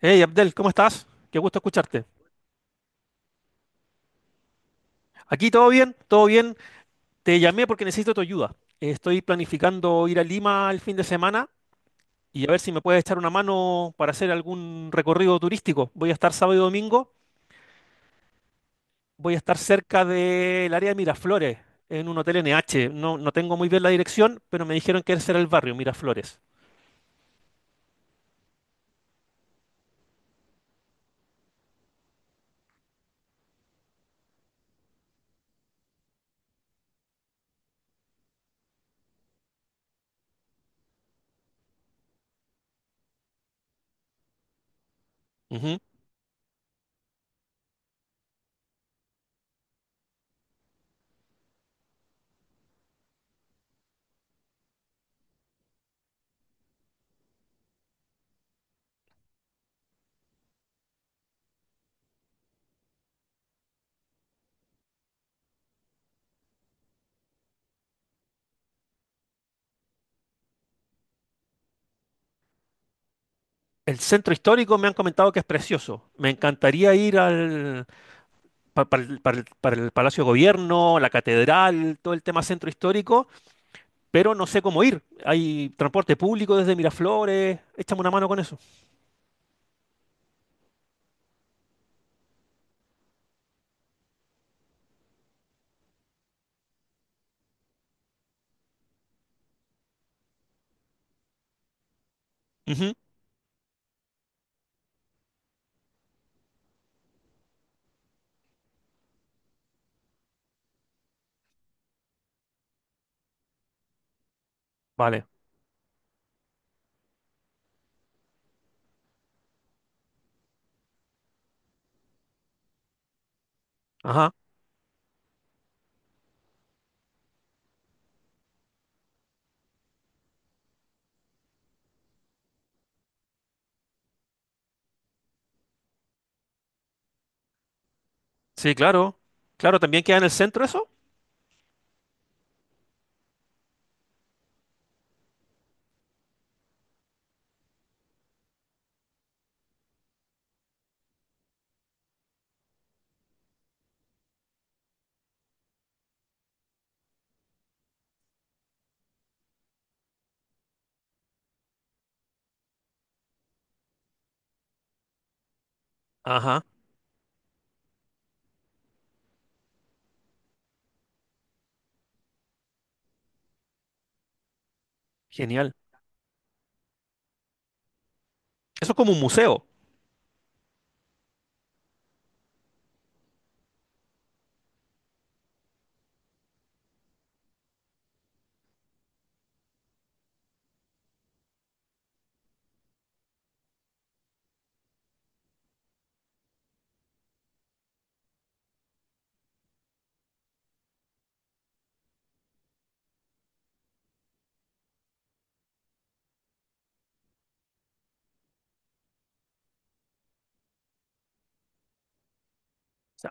Hey Abdel, ¿cómo estás? Qué gusto escucharte. Aquí todo bien, todo bien. Te llamé porque necesito tu ayuda. Estoy planificando ir a Lima el fin de semana y a ver si me puedes echar una mano para hacer algún recorrido turístico. Voy a estar sábado y domingo, voy a estar cerca del área de Miraflores, en un hotel NH. No, no tengo muy bien la dirección, pero me dijeron que ese era el barrio, Miraflores. Ujú. El centro histórico me han comentado que es precioso. Me encantaría ir al, para, para el Palacio de Gobierno, la catedral, todo el tema centro histórico, pero no sé cómo ir. Hay transporte público desde Miraflores, échame una mano con eso. Ujú. Vale, ajá, sí, claro. Claro, ¿también queda en el centro eso? Ajá, genial. Eso es como un museo. O sea,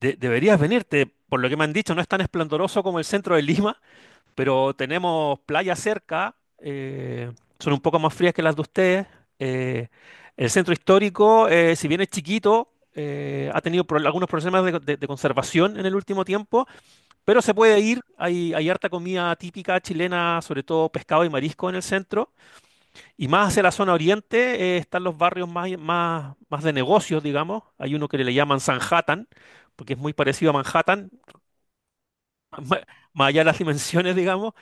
deberías venirte, por lo que me han dicho, no es tan esplendoroso como el centro de Lima, pero tenemos playas cerca, son un poco más frías que las de ustedes. eh, el centro histórico, si bien es chiquito, ha tenido algunos problemas de, de conservación en el último tiempo, pero se puede ir. Hay harta comida típica chilena, sobre todo pescado y marisco en el centro. Y más hacia la zona oriente están los barrios más de negocios, digamos. Hay uno que le llaman Sanhattan, porque es muy parecido a Manhattan, ma- más allá de las dimensiones, digamos,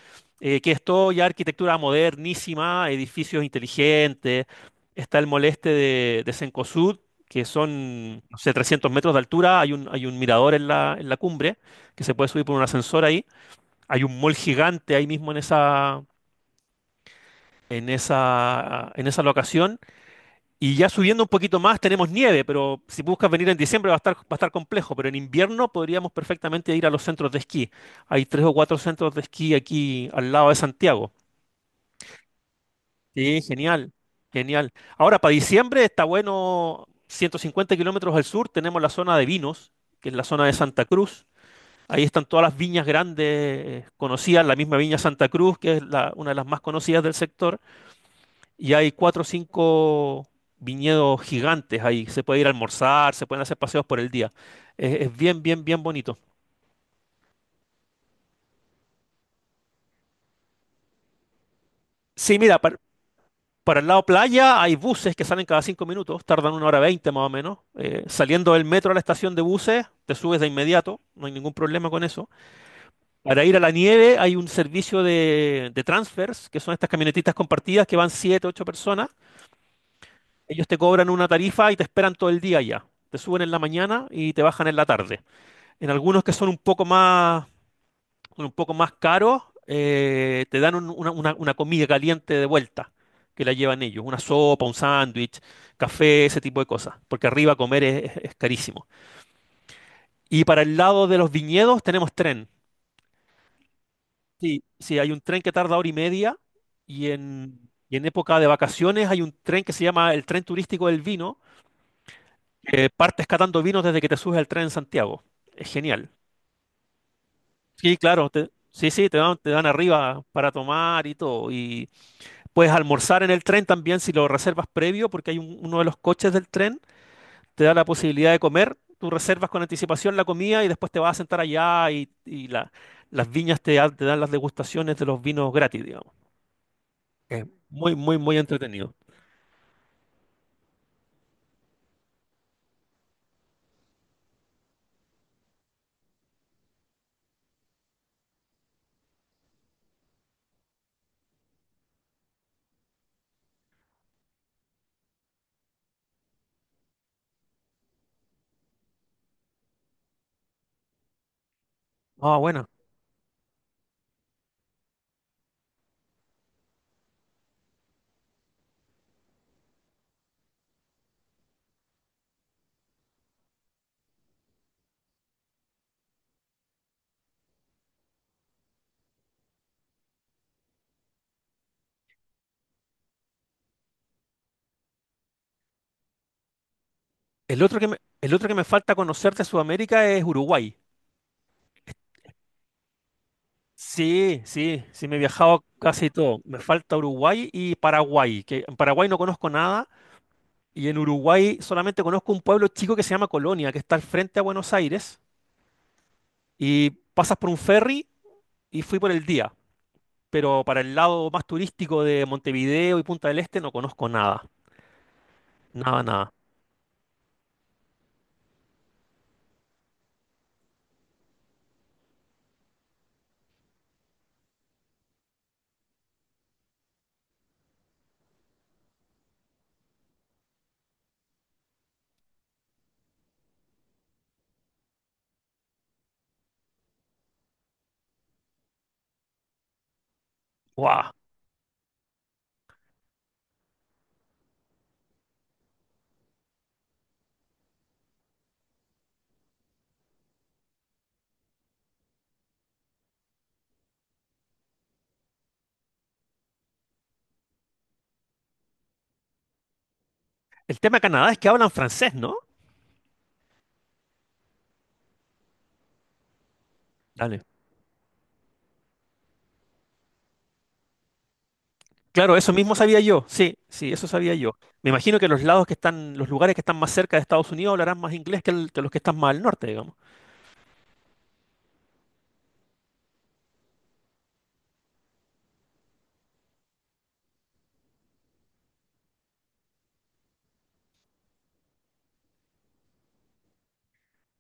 que es todo ya arquitectura modernísima, edificios inteligentes, está el moleste de Cencosud, que son, no sé, 300 metros de altura, hay un mirador en en la cumbre, que se puede subir por un ascensor ahí, hay un mall gigante ahí mismo en esa, en esa locación, y ya subiendo un poquito más tenemos nieve, pero si buscas venir en diciembre va a estar complejo, pero en invierno podríamos perfectamente ir a los centros de esquí. Hay tres o cuatro centros de esquí aquí al lado de Santiago. Sí, genial, genial. Ahora, para diciembre está bueno, 150 kilómetros al sur tenemos la zona de vinos, que es la zona de Santa Cruz. Ahí están todas las viñas grandes conocidas, la misma viña Santa Cruz, que es una de las más conocidas del sector y hay cuatro o cinco viñedos gigantes ahí. Se puede ir a almorzar, se pueden hacer paseos por el día. Es, bien bonito. Sí, mira, para, el lado playa hay buses que salen cada 5 minutos, tardan 1 hora 20 más o menos. Saliendo del metro a la estación de buses, te subes de inmediato, no hay ningún problema con eso. Para ir a la nieve hay un servicio de transfers, que son estas camionetitas compartidas que van siete, ocho personas. Ellos te cobran una tarifa y te esperan todo el día allá. Te suben en la mañana y te bajan en la tarde. En algunos que son un poco más caros, te dan una comida caliente de vuelta, que la llevan ellos, una sopa, un sándwich, café, ese tipo de cosas, porque arriba comer es, es carísimo. Y para el lado de los viñedos tenemos tren. Sí, sí, hay un tren que tarda hora y media y en época de vacaciones hay un tren que se llama el tren turístico del vino, que partes catando vinos desde que te subes al tren en Santiago. Es genial. Sí, claro, sí, sí, te dan arriba para tomar y todo. Y puedes almorzar en el tren también si lo reservas previo, porque hay uno de los coches del tren, te da la posibilidad de comer. Tú reservas con anticipación la comida y después te vas a sentar allá y las viñas te dan las degustaciones de los vinos gratis, digamos. Es muy, muy, muy entretenido. Ah, bueno. El otro que me falta conocer de Sudamérica es Uruguay. Sí, sí, sí, me he viajado casi todo. Me falta Uruguay y Paraguay, que en Paraguay no conozco nada y en Uruguay solamente conozco un pueblo chico que se llama Colonia, que está al frente a Buenos Aires y pasas por un ferry y fui por el día, pero para el lado más turístico de Montevideo y Punta del Este no conozco nada, nada, nada. ¡Guau! El tema de Canadá es que hablan francés, ¿no? Dale. Claro, eso mismo sabía yo. Sí, sí, eso sabía yo. Me imagino que los lados que están, los lugares que están más cerca de Estados Unidos hablarán más inglés que, que los que están más al norte, digamos.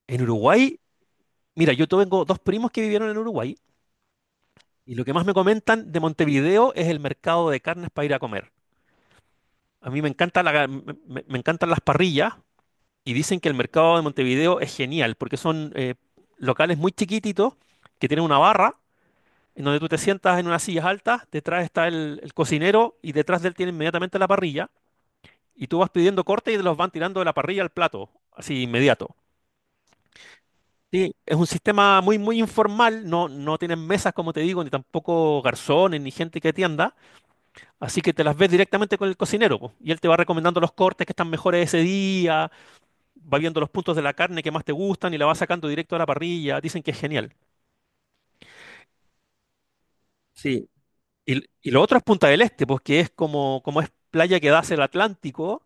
En Uruguay, mira, yo tengo dos primos que vivieron en Uruguay y lo que más me comentan de Montevideo es el mercado de carnes para ir a comer. A mí me encanta me encantan las parrillas y dicen que el mercado de Montevideo es genial porque son locales muy chiquititos que tienen una barra en donde tú te sientas en unas sillas altas, detrás está el cocinero y detrás de él tiene inmediatamente la parrilla y tú vas pidiendo cortes y te los van tirando de la parrilla al plato, así inmediato. Sí, es un sistema muy, muy informal, no, no tienen mesas, como te digo, ni tampoco garzones, ni gente que atienda, así que te las ves directamente con el cocinero, po, y él te va recomendando los cortes que están mejores ese día, va viendo los puntos de la carne que más te gustan y la va sacando directo a la parrilla, dicen que es genial. Sí, y lo otro es Punta del Este, pues que es como, como es playa que da hacia el Atlántico,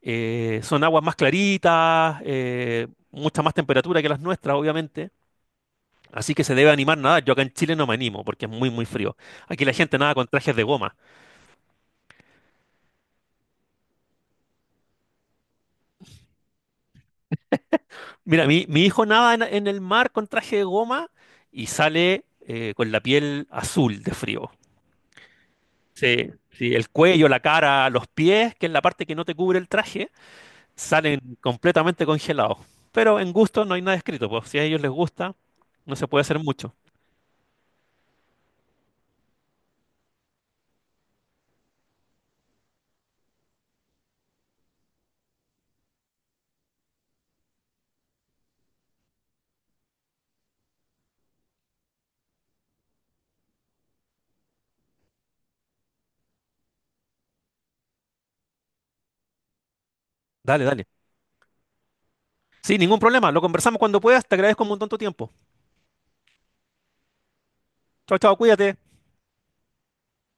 son aguas más claritas, mucha más temperatura que las nuestras, obviamente. Así que se debe animar nada. Yo acá en Chile no me animo porque es muy, muy frío. Aquí la gente nada con trajes de goma. Mira, mi hijo nada en el mar con traje de goma y sale con la piel azul de frío. Sí, sí, el cuello, la cara, los pies, que es la parte que no te cubre el traje, salen completamente congelados. Pero en gusto no hay nada escrito, pues si a ellos les gusta, no se puede hacer mucho. Dale, dale. Sí, ningún problema. Lo conversamos cuando puedas. Te agradezco un montón tu tiempo. Chao, chao, cuídate.